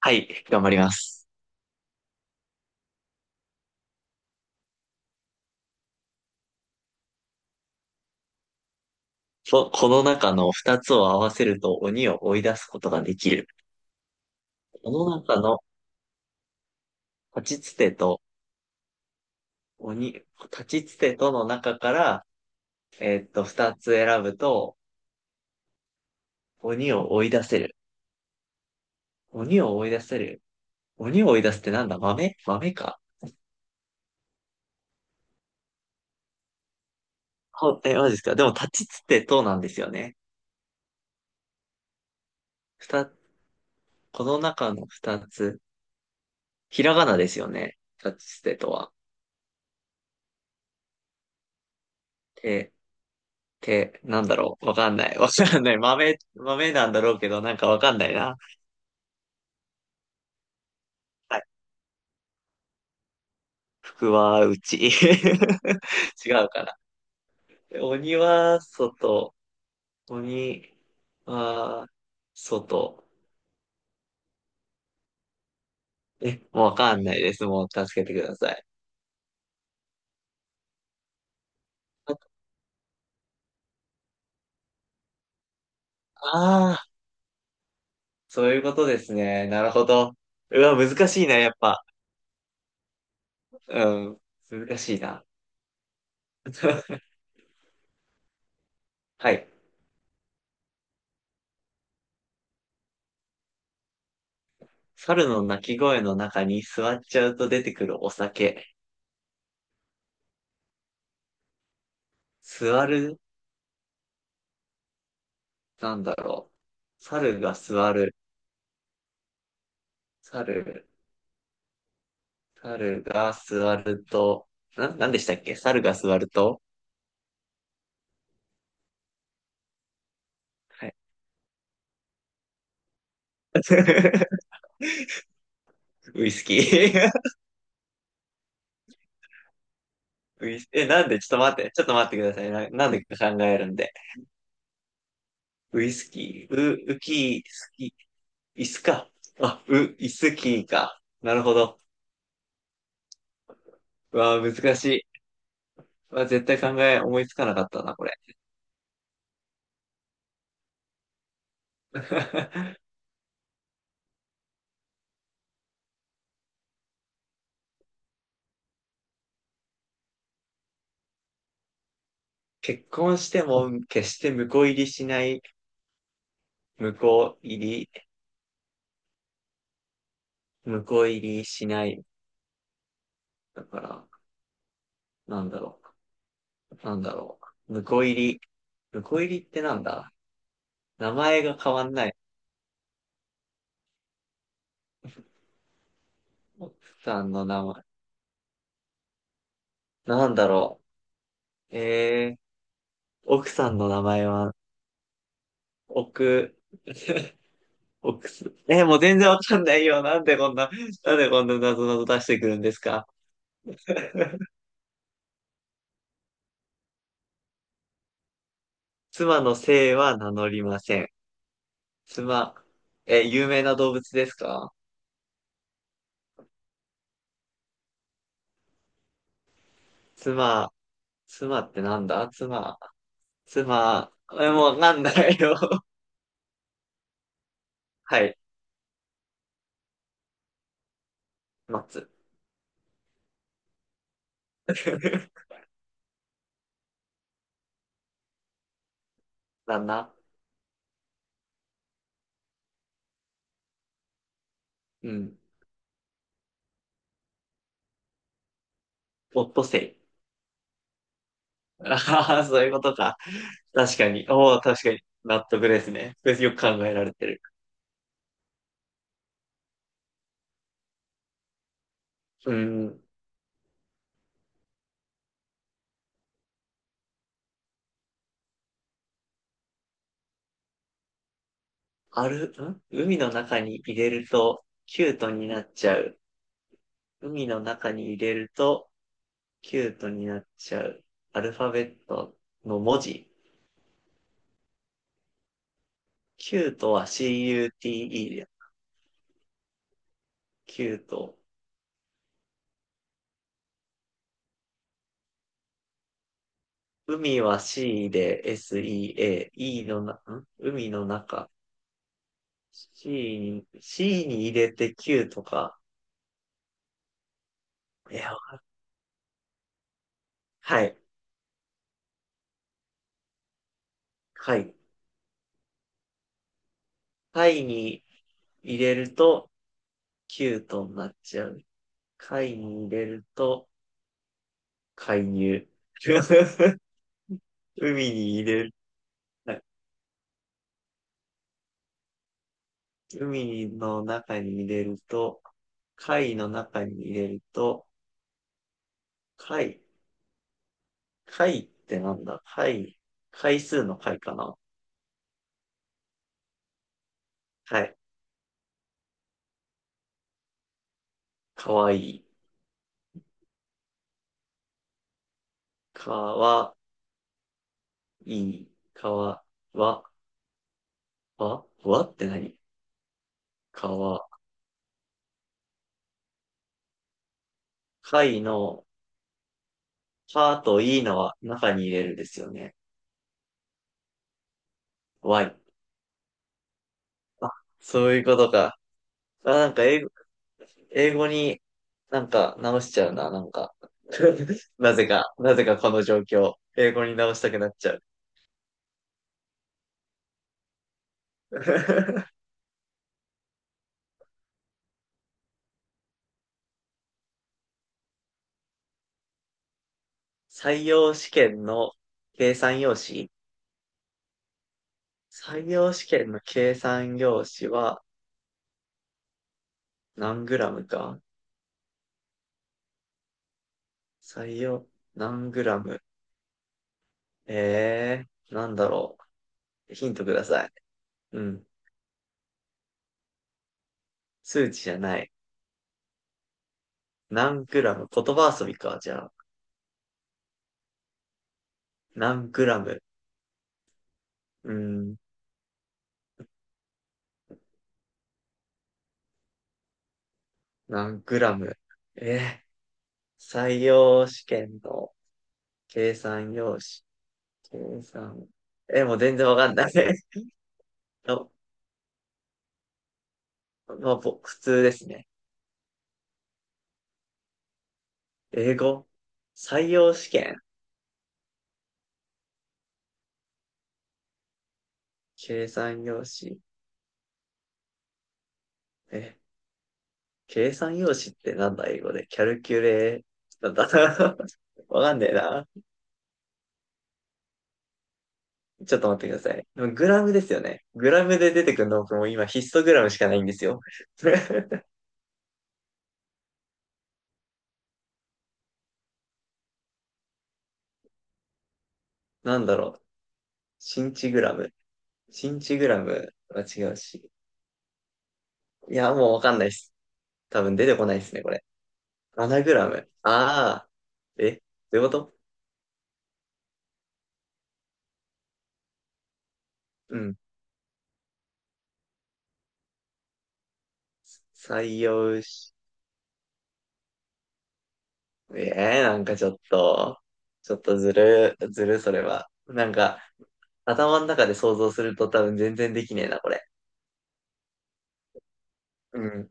はい、頑張ります。ここの中の二つを合わせると鬼を追い出すことができる。この中の立ちつてと鬼、立ちつてとの中から、二つ選ぶと鬼を追い出せる。鬼を追い出せる。鬼を追い出すってなんだ？豆豆か？ほえ、マジですか？でも立ちつてとなんですよね。二、この中の二つ。ひらがなですよね。立ちつてとは。で、て、なんだろう。わかんない。わかんない。豆、豆なんだろうけど、なんかわかんないな。はい。福は内。違うかな。鬼は外。鬼は外。え、もうわかんないです。もう助けてください。ああー、そういうことですね。なるほど。うわ、難しいな、やっぱ。うん。難しいな。はい。猿の鳴き声の中に座っちゃうと出てくるお酒。座る。なんだろう。猿が座る。猿、猿が座ると、なんでしたっけ猿が座ると、はい。ウイスキー。ウイス、なんでちょっと待って、ちょっと待ってください。なんでか考えるんで。ウイスキー、ウ、ウキー、スキー、イスか。あ、ウ、イスキーか。なるほど。うわー、難しい。うわ絶対考え、思いつかなかったな、これ。結婚しても、決して婿入りしない、婿入り向こう入りしない。だから、なんだろう。なんだろう。向こう入り。向こう入りってなんだ？名前が変わんない。奥さんの名前。なんだろう。奥さんの名前は、奥、奥す。もう全然わかんないよ。なんでこんな、なんでこんな謎々出してくるんですか？ 妻の姓は名乗りません。妻、有名な動物ですか？妻、妻ってなんだ妻。妻、もうわかんないよ。はい。松。旦那。うん。オットセイ。ああ、そういうことか。確かに。おお、確かに。納得ですね。それよく考えられてる。うん。ある、ん海の中に入れると、キュートになっちゃう。海の中に入れると、キュートになっちゃう。アルファベットの文字。キュートは CUTE だよ。キュート。海は C で SEA、E の海の中。C に入れて Q とか。いや、はい。はい。貝に入れると Q となっちゃう。貝に入れると介入。海に入れる。はい。海の中に入れると、貝の中に入れると、貝、貝ってなんだ貝、回数の貝かな？はい。かわいい。かわいい。かわ、わ、わ、わって何？かわ、かいの、かといいのは中に入れるですよね。わい。あ、そういうことか。あ、英語になんか直しちゃうな、なんか。なぜか、なぜかこの状況。英語に直したくなっちゃう。採用試験の計算用紙採用試験の計算用紙は何グラムか？採用、何グラム。えなんだろう。ヒントください。うん。数値じゃない。何グラム。言葉遊びか、じゃあ。何グラム。うん、何グラム。えー、採用試験の計算用紙。計算。もう全然わかんない。のまあ、普通ですね。英語。採用試験。計算用紙。え計算用紙ってなんだ英語で。キャルキュレー、なんだ？ わかんねえな。ちょっと待ってください。でもグラムですよね。グラムで出てくるの僕も今ヒストグラムしかないんですよ。なんだろう。シンチグラム。シンチグラムは違うし。いや、もうわかんないっす。多分出てこないっすね、これ。アナグラム。ああ。え、どういうこと？うん。採用し、ええなんかちょっと、ちょっとずる、ずる、それは。なんか、頭の中で想像すると多分全然できねえな、これ。うん。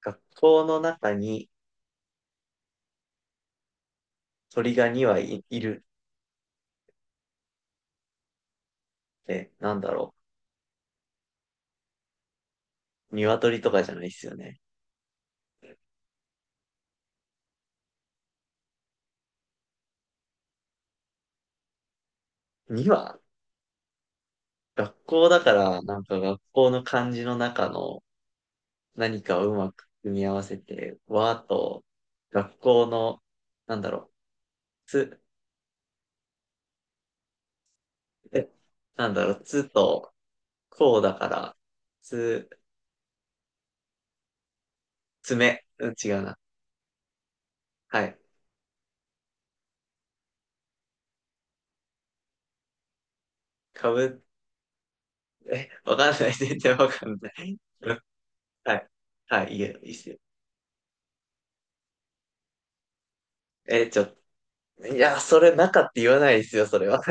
学校の中に鳥が2羽いるって、なんだろう。鶏とかじゃないっすよね。2羽学校だから、なんか学校の漢字の中の何かをうまく組み合わせて、和と、学校の、なんだろう、つ、え、なんだろう、つと、こうだから、つ、爪。うん、違うな。はい。かぶ、え、わかんない。全然わかんない。はい。はい、いいよ、いいっすよ。え、ちょ、いや、それ中って言わないですよ、それは。